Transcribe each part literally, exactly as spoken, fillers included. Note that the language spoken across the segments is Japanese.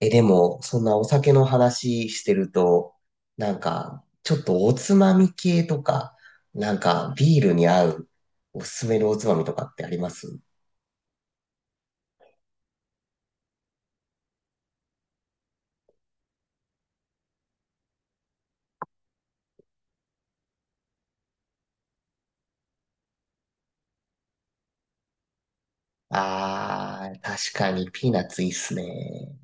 え、でも、そんなお酒の話してると、なんか、ちょっとおつまみ系とか、なんか、ビールに合うおすすめのおつまみとかってあります？あー、確かにピーナッツいいっすね。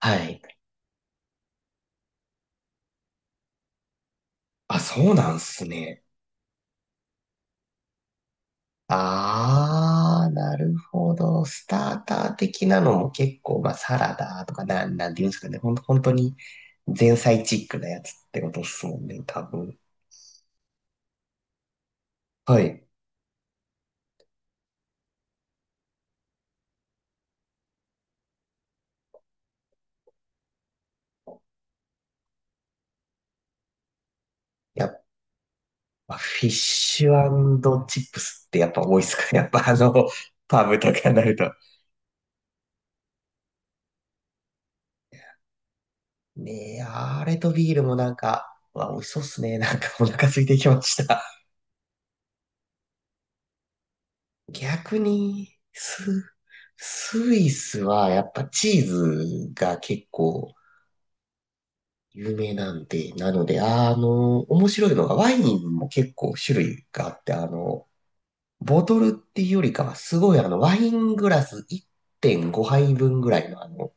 はい。あ、そうなんすね。あー、なるほど。スターター的なのも結構、まあ、サラダとか、なん、なんていうんですかね。ほんと、本当に前菜チックなやつってことっすもんね、多分。はい。やっまあフィッシュチップスってやっぱ多いっすかね。やっぱあの、パブとかになると。ねえ、あれとビールもなんか、うわ、美味しそうっすね。なんかお腹空いてきました。逆に、ス、スイスはやっぱチーズが結構有名なんで、なので、あの、面白いのがワインも結構種類があって、あの、ボトルっていうよりかはすごいあの、ワイングラスいってんごはいぶんぐらいのあの、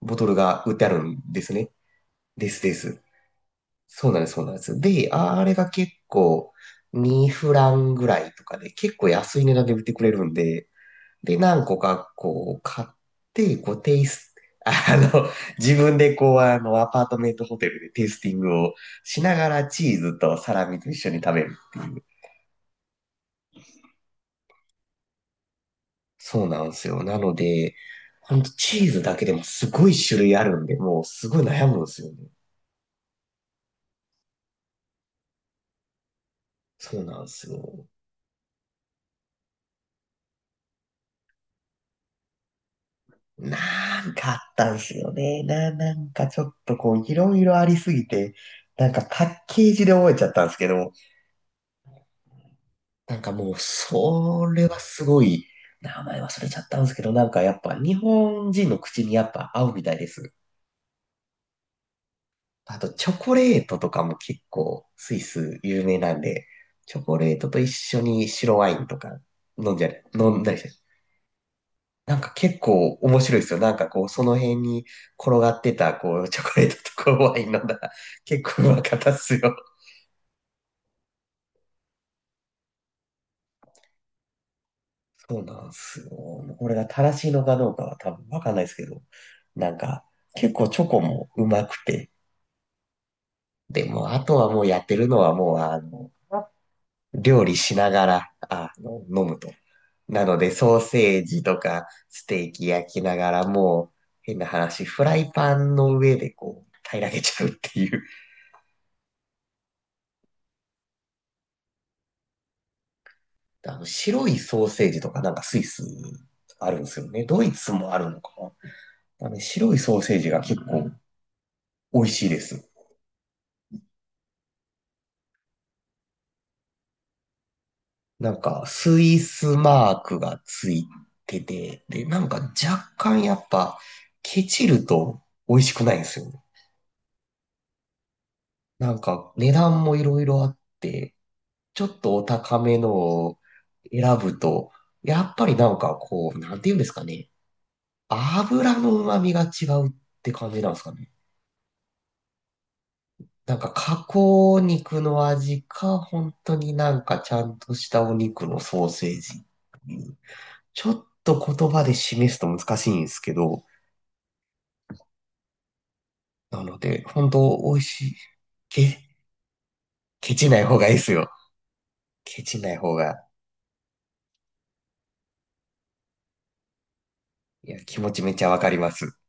ボトルが売ってあるんですね。ですです。そうなんです、そうなんです。で、ああれが結構にフランぐらいとかで結構安い値段で売ってくれるんで、で、何個かこう買って、こうテイス あの、自分でこうあのアパートメントホテルでテイスティングをしながらチーズとサラミと一緒に食べるっていう。そうなんですよ。なので、ほんとチーズだけでもすごい種類あるんで、もうすごい悩むんですよね。そうなんですよ。なんかあったんすよね。な、なんかちょっとこう、いろいろありすぎて、なんかパッケージで覚えちゃったんですけど、なんかもう、それはすごい、名前忘れちゃったんですけど、なんかやっぱ日本人の口にやっぱ合うみたいです。あと、チョコレートとかも結構、スイス有名なんで、チョコレートと一緒に白ワインとか飲んじゃ、飲んだりして、なんか結構面白いですよ。なんかこう、その辺に転がってた、こう、チョコレートとかワイン飲んだら、結構うまかったっすよ。そうなんですよ。これが正しいのかどうかは多分わかんないですけど、なんか結構チョコもうまくて、でもあとはもうやってるのはもうあの、料理しながら、あの、飲むと。なのでソーセージとかステーキ焼きながらもう変な話、フライパンの上でこう、平らげちゃうっていう。あの白いソーセージとかなんかスイスあるんですよね。ドイツもあるのかな。あのね白いソーセージが結構美味しいです。なんかスイスマークがついてて、で、なんか若干やっぱケチると美味しくないんですよね。なんか値段もいろいろあって、ちょっとお高めのを選ぶと、やっぱりなんかこう、なんていうんですかね。油の旨味が違うって感じなんですかね。なんか加工肉の味か、本当になんかちゃんとしたお肉のソーセージっていう。ちょっと言葉で示すと難しいんですけど、なので、本当美味しい。け、ケチない方がいいですよ。ケチない方が。いや、気持ちめっちゃわかります。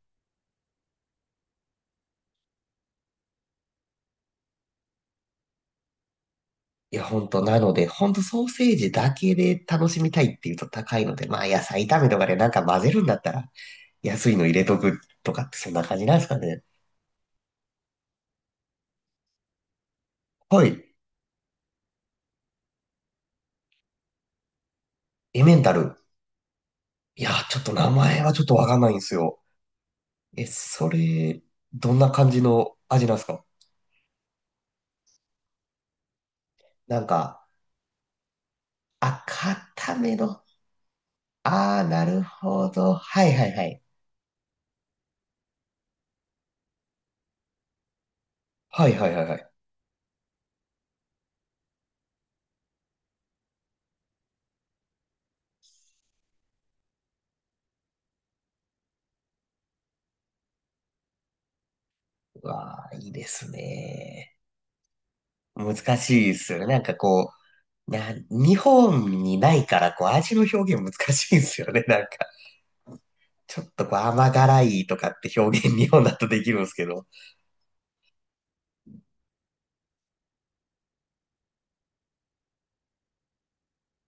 いや、本当なので、本当ソーセージだけで楽しみたいっていうと高いので、まあ野菜炒めとかでなんか混ぜるんだったら、安いの入れとくとかってそんな感じなんですかね。はい。エメンタル。いや、ちょっと名前はちょっとわかんないんですよ。え、それ、どんな感じの味なんですか？なんか、あ、固めの。ああ、なるほど。はいはいはい。はいはいはいはい。うわあ、いいですね。難しいですよね。なんかこう、な、日本にないから、こう、味の表現難しいですよね。なんか、ちょっとこう、甘辛いとかって表現、日本だとできるんですけど。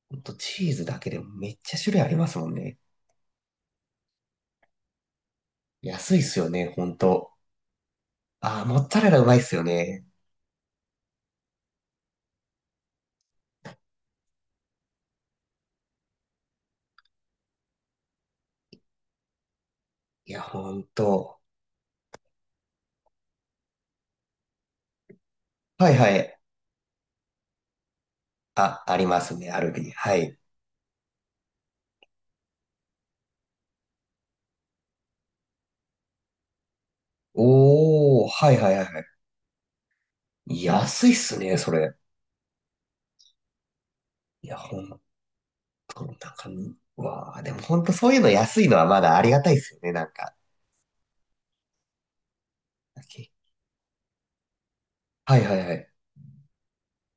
ほんと、チーズだけでもめっちゃ種類ありますもんね。安いっすよね、ほんと。あ、モッツァレラうまいっすよね。いや、ほんと。はいはい。あ、ありますね。アルビに。はい。おー、はいはいはいはい。安いっすね、それ。いや、ほんと、なんか、うわあ、でもほんとそういうの安いのはまだありがたいっすよね、なんか。はいはいはい。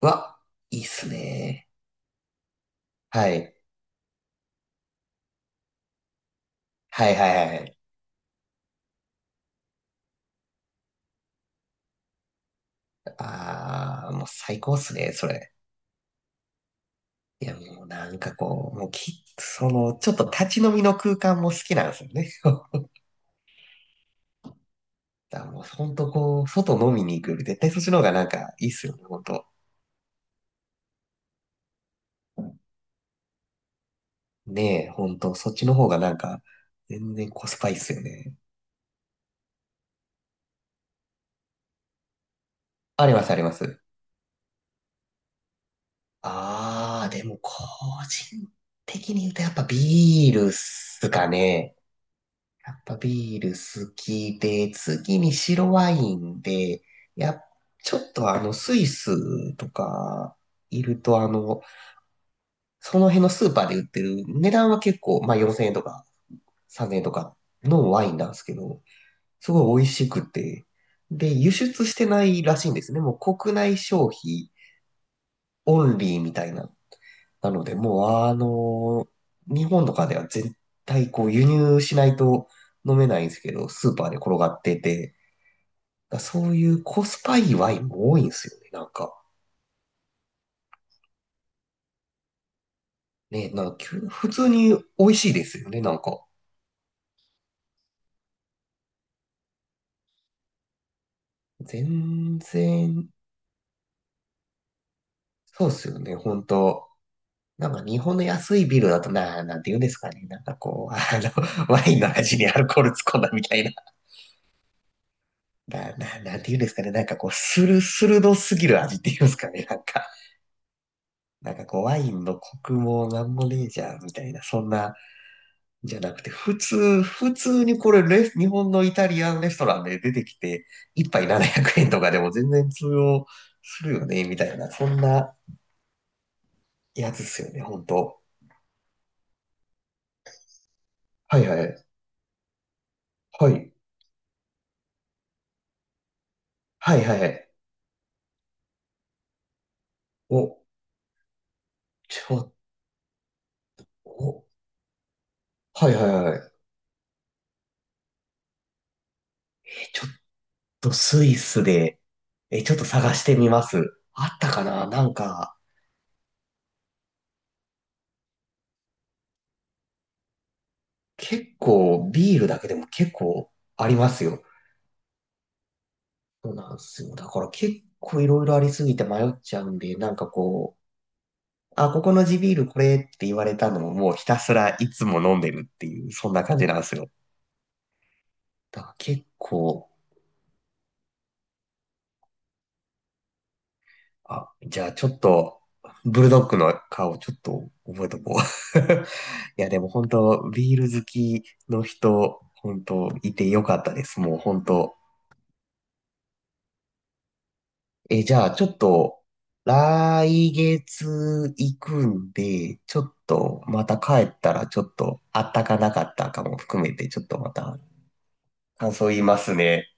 うわ、いいっすね。はい。はいはいはいはい。ああ、もう最高っすね、それ。いや、もうなんかこう、もうき、その、ちょっと立ち飲みの空間も好きなんですよね。だからもう本当こう、外飲みに行くより絶対そっちの方がなんかいいっすよね、本当。ねえ、本当そっちの方がなんか全然コスパいいっすよね。ありますあります。あー、でも個人的に言うとやっぱビールっすかね。やっぱビール好きで、次に白ワインで、やっ、ちょっとあのスイスとかいるとあの、その辺のスーパーで売ってる値段は結構、まあよんせんえんとかさんねんとかのワインなんですけど、すごい美味しくて、で、輸出してないらしいんですね。もう国内消費オンリーみたいな。なので、もうあの、日本とかでは絶対こう輸入しないと飲めないんですけど、スーパーで転がってて、だからそういうコスパいいワインも多いんですよね、なんか。ね、なんかきゅ普通に美味しいですよね、なんか。全然、そうですよね、本当なんか日本の安いビールだとな、なんて言うんですかね。なんかこう、あの、ワインの味にアルコール突っ込んだみたいな。な、な、なんて言うんですかね。なんかこう、スルスルドすぎる味って言うんですかね。なんか、なんかこう、ワインのコクもなんもねえじゃん、みたいな。そんな、じゃなくて、普通、普通にこれレス、日本のイタリアンレストランで出てきて、一杯ななひゃくえんとかでも全然通用するよね、みたいな。そんなやつっすよね、ほんと。はいはい。はい。はいはいはい。お、ちょっとお、はいはいはい。え、ちょっとスイスで、え、ちょっと探してみます。あったかななんか、結構ビールだけでも結構ありますよ。そうなんですよ。だから結構いろいろありすぎて迷っちゃうんで、なんかこう、あ、ここの地ビールこれって言われたのをもうひたすらいつも飲んでるっていう、そんな感じなんですよ。だから結構、あ、じゃあちょっと、ブルドッグの顔ちょっと覚えとこう。いや、でも本当、ビール好きの人、本当、いてよかったです。もう本当。え、じゃあちょっと、来月行くんで、ちょっと、また帰ったら、ちょっと、あったかなかったかも含めて、ちょっとまた、感想言いますね。